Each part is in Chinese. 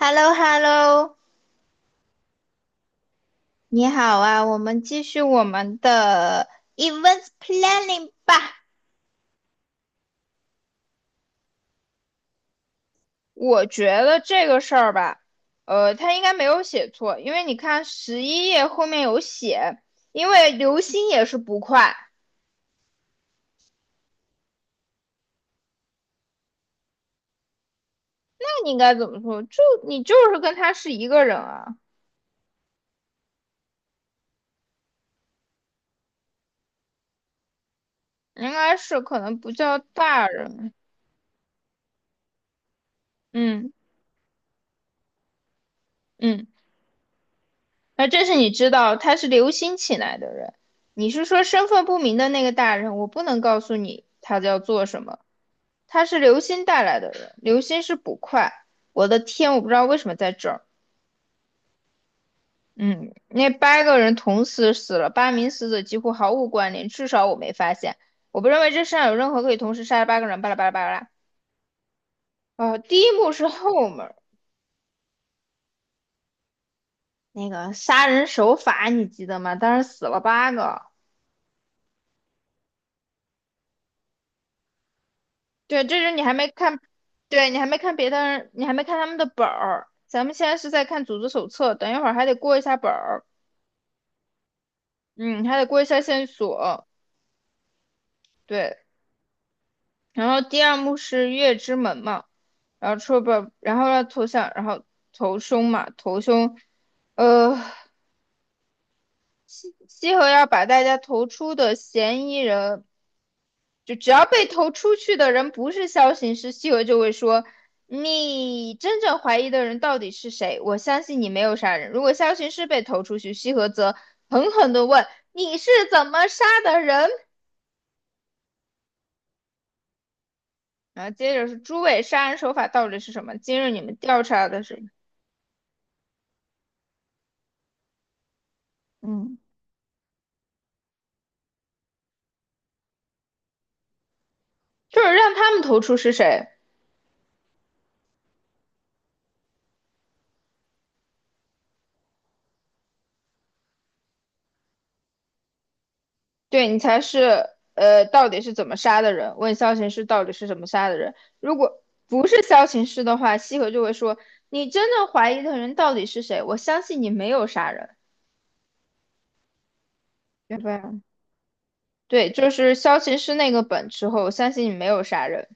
h e l l o h e l l o 你好啊，我们继续我们的 events planning 吧。我觉得这个事儿吧，他应该没有写错，因为你看11页后面有写，因为刘星也是不快，那你应该怎么说？就你就是跟他是一个人啊，应该是可能不叫大人，嗯嗯，那这是你知道他是刘星请来的人。你是说身份不明的那个大人？我不能告诉你他要做什么，他是刘星带来的人，刘星是捕快。我的天，我不知道为什么在这儿。嗯，那八个人同时死了，8名死者几乎毫无关联，至少我没发现。我不认为这世上有任何可以同时杀了八个人。巴拉巴拉巴拉。哦，第一幕是后门那个杀人手法，你记得吗？当时死了八个。对，这是你还没看，对你还没看别的人，你还没看他们的本儿。咱们现在是在看组织手册，等一会儿还得过一下本儿，嗯，还得过一下线索。对，然后第二幕是月之门嘛，然后出不，然后要投降，然后投凶嘛，投凶，呃，西河要把大家投出的嫌疑人，就只要被投出去的人不是萧行师，西河就会说，你真正怀疑的人到底是谁？我相信你没有杀人。如果萧行师被投出去，西河则狠狠地问，你是怎么杀的人？然后接着是诸位杀人手法到底是什么？今日你们调查的是，嗯。就是让他们投出是谁，对你才是到底是怎么杀的人？问萧琴师到底是怎么杀的人？如果不是萧琴师的话，西河就会说你真正怀疑的人到底是谁？我相信你没有杀人，对吧？对，就是萧琴师那个本之后，我相信你没有杀人。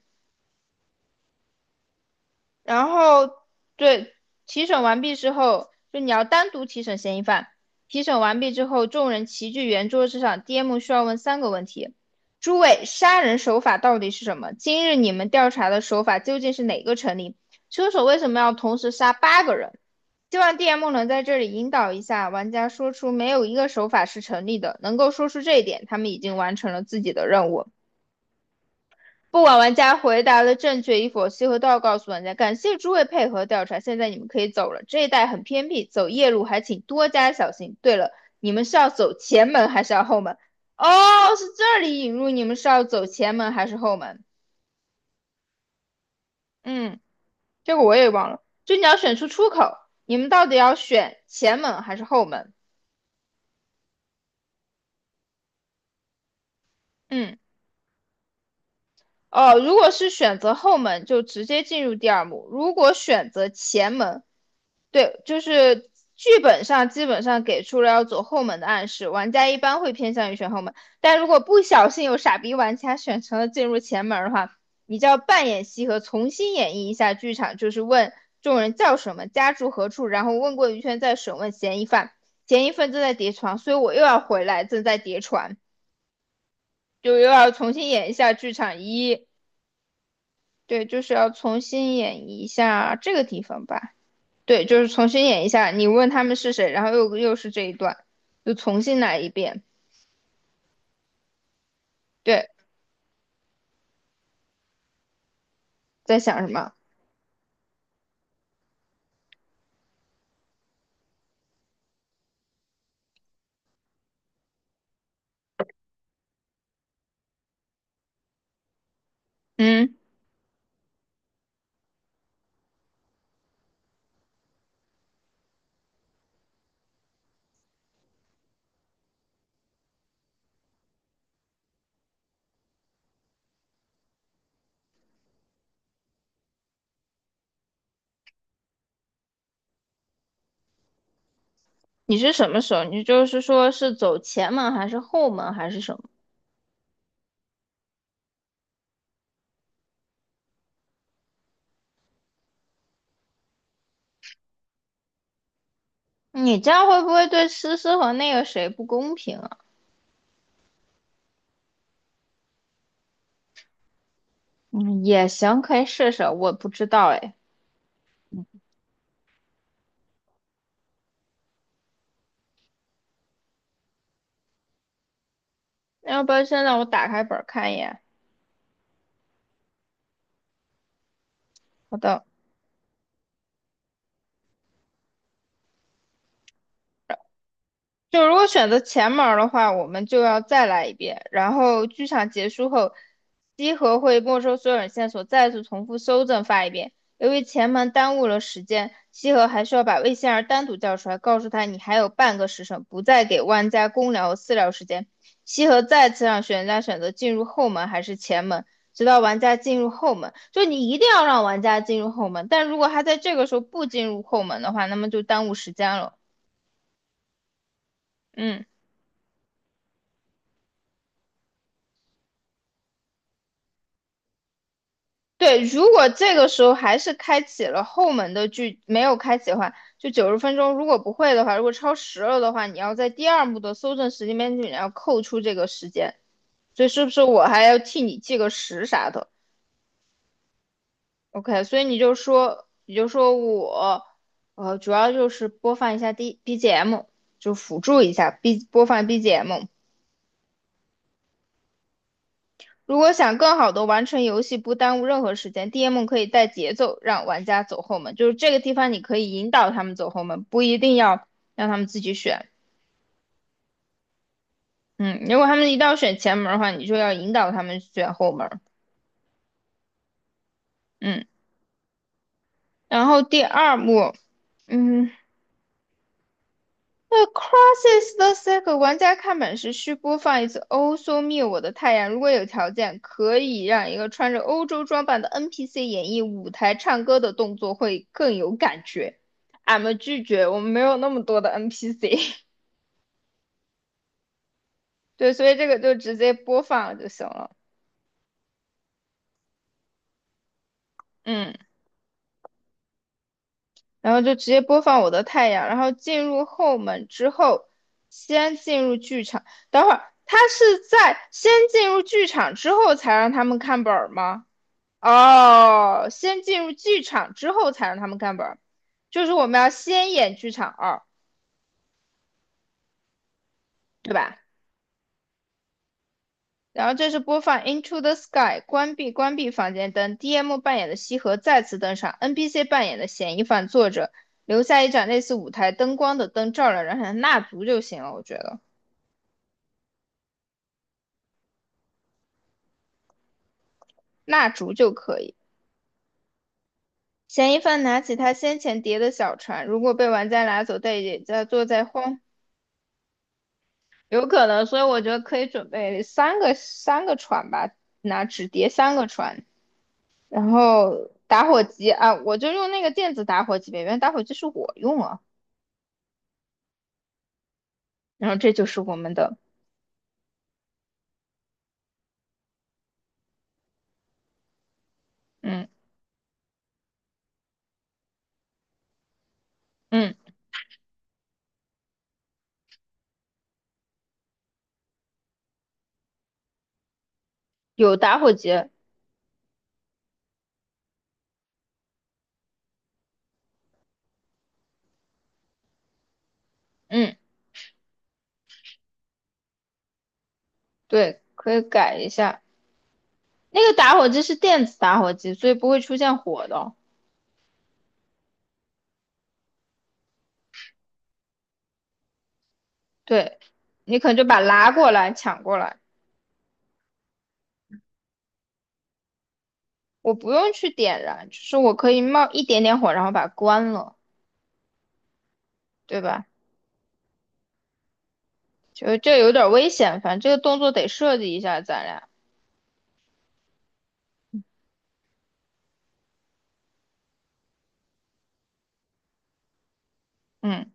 然后对提审完毕之后，就你要单独提审嫌疑犯。提审完毕之后，众人齐聚圆桌之上，DM 需要问3个问题：诸位，杀人手法到底是什么？今日你们调查的手法究竟是哪个成立？凶手为什么要同时杀八个人？希望 DM 能在这里引导一下玩家，说出没有一个手法是成立的。能够说出这一点，他们已经完成了自己的任务。不管玩家回答的正确与否，西河都要告诉玩家。感谢诸位配合调查，现在你们可以走了。这一带很偏僻，走夜路还请多加小心。对了，你们是要走前门还是要后门？哦，是这里引入，你们是要走前门还是后门？嗯，这个我也忘了。就你要选出出口，你们到底要选前门还是后门？嗯，哦，如果是选择后门，就直接进入第二幕；如果选择前门，对，就是剧本上基本上给出了要走后门的暗示，玩家一般会偏向于选后门，但如果不小心有傻逼玩家选成了进入前门的话，你就要扮演西河，重新演绎一下剧场，就是问众人叫什么，家住何处，然后问过一圈再审问嫌疑犯，嫌疑犯正在叠床，所以我又要回来，正在叠床，就又要重新演一下剧场一，对，就是要重新演一下这个地方吧。对，就是重新演一下，你问他们是谁，然后又是这一段，就重新来一遍。对，在想什么？嗯，你是什么时候？你就是说是走前门还是后门还是什么？你这样会不会对思思和那个谁不公平啊？嗯，也行，可以试试。我不知道哎，要不然现在我打开本儿看一眼。好的。就如果选择前门儿的话，我们就要再来一遍。然后剧场结束后，稽核会没收所有人线索，再次重复搜证发一遍。由于前门耽误了时间，西河还需要把魏仙儿单独叫出来，告诉他你还有半个时辰，不再给万家公聊和私聊时间。西河再次让玩家选择进入后门还是前门，直到玩家进入后门。就你一定要让玩家进入后门，但如果他在这个时候不进入后门的话，那么就耽误时间了。嗯。对，如果这个时候还是开启了后门的剧，没有开启的话，就90分钟，如果不会的话，如果超时了的话，你要在第二幕的搜证时间边里面要扣除这个时间，所以是不是我还要替你记个时啥的？OK，所以你就说，你就说我，主要就是播放一下 D BGM，就辅助一下 B 播放 BGM，如果想更好的完成游戏，不耽误任何时间，DM 可以带节奏让玩家走后门，就是这个地方你可以引导他们走后门，不一定要让他们自己选。嗯，如果他们一定要选前门的话，你就要引导他们选后门。嗯，然后第二幕，嗯，对，crosses the circle，玩家看本时需播放一次《Also Me 我的太阳》。如果有条件，可以让一个穿着欧洲装扮的 NPC 演绎舞台唱歌的动作，会更有感觉。俺们拒绝，我们没有那么多的 NPC。对，所以这个就直接播放就行了。嗯，然后就直接播放我的太阳，然后进入后门之后，先进入剧场。等会儿，他是在先进入剧场之后才让他们看本儿吗？哦，先进入剧场之后才让他们看本儿，就是我们要先演剧场二，对吧？然后这是播放《Into the Sky》，关闭房间灯，DM 扮演的西河再次登场，NPC 扮演的嫌疑犯坐着，留下一盏类似舞台灯光的灯照亮人海，蜡烛就行了，我觉得蜡烛就可以。嫌疑犯拿起他先前叠的小船，如果被玩家拿走，但也在坐在荒有可能，所以我觉得可以准备三个船吧，拿纸叠三个船，然后打火机啊，我就用那个电子打火机呗，原来打火机是我用啊，然后这就是我们的，嗯嗯，有打火机，嗯，对，可以改一下，那个打火机是电子打火机，所以不会出现火的哦对，你可能就把拉过来抢过来，我不用去点燃，就是我可以冒一点点火，然后把它关了，对吧？就是这有点危险，反正这个动作得设计一下，咱俩，嗯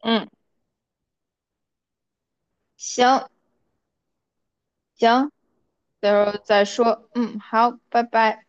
嗯，行行，到时候再说，嗯，好，拜拜。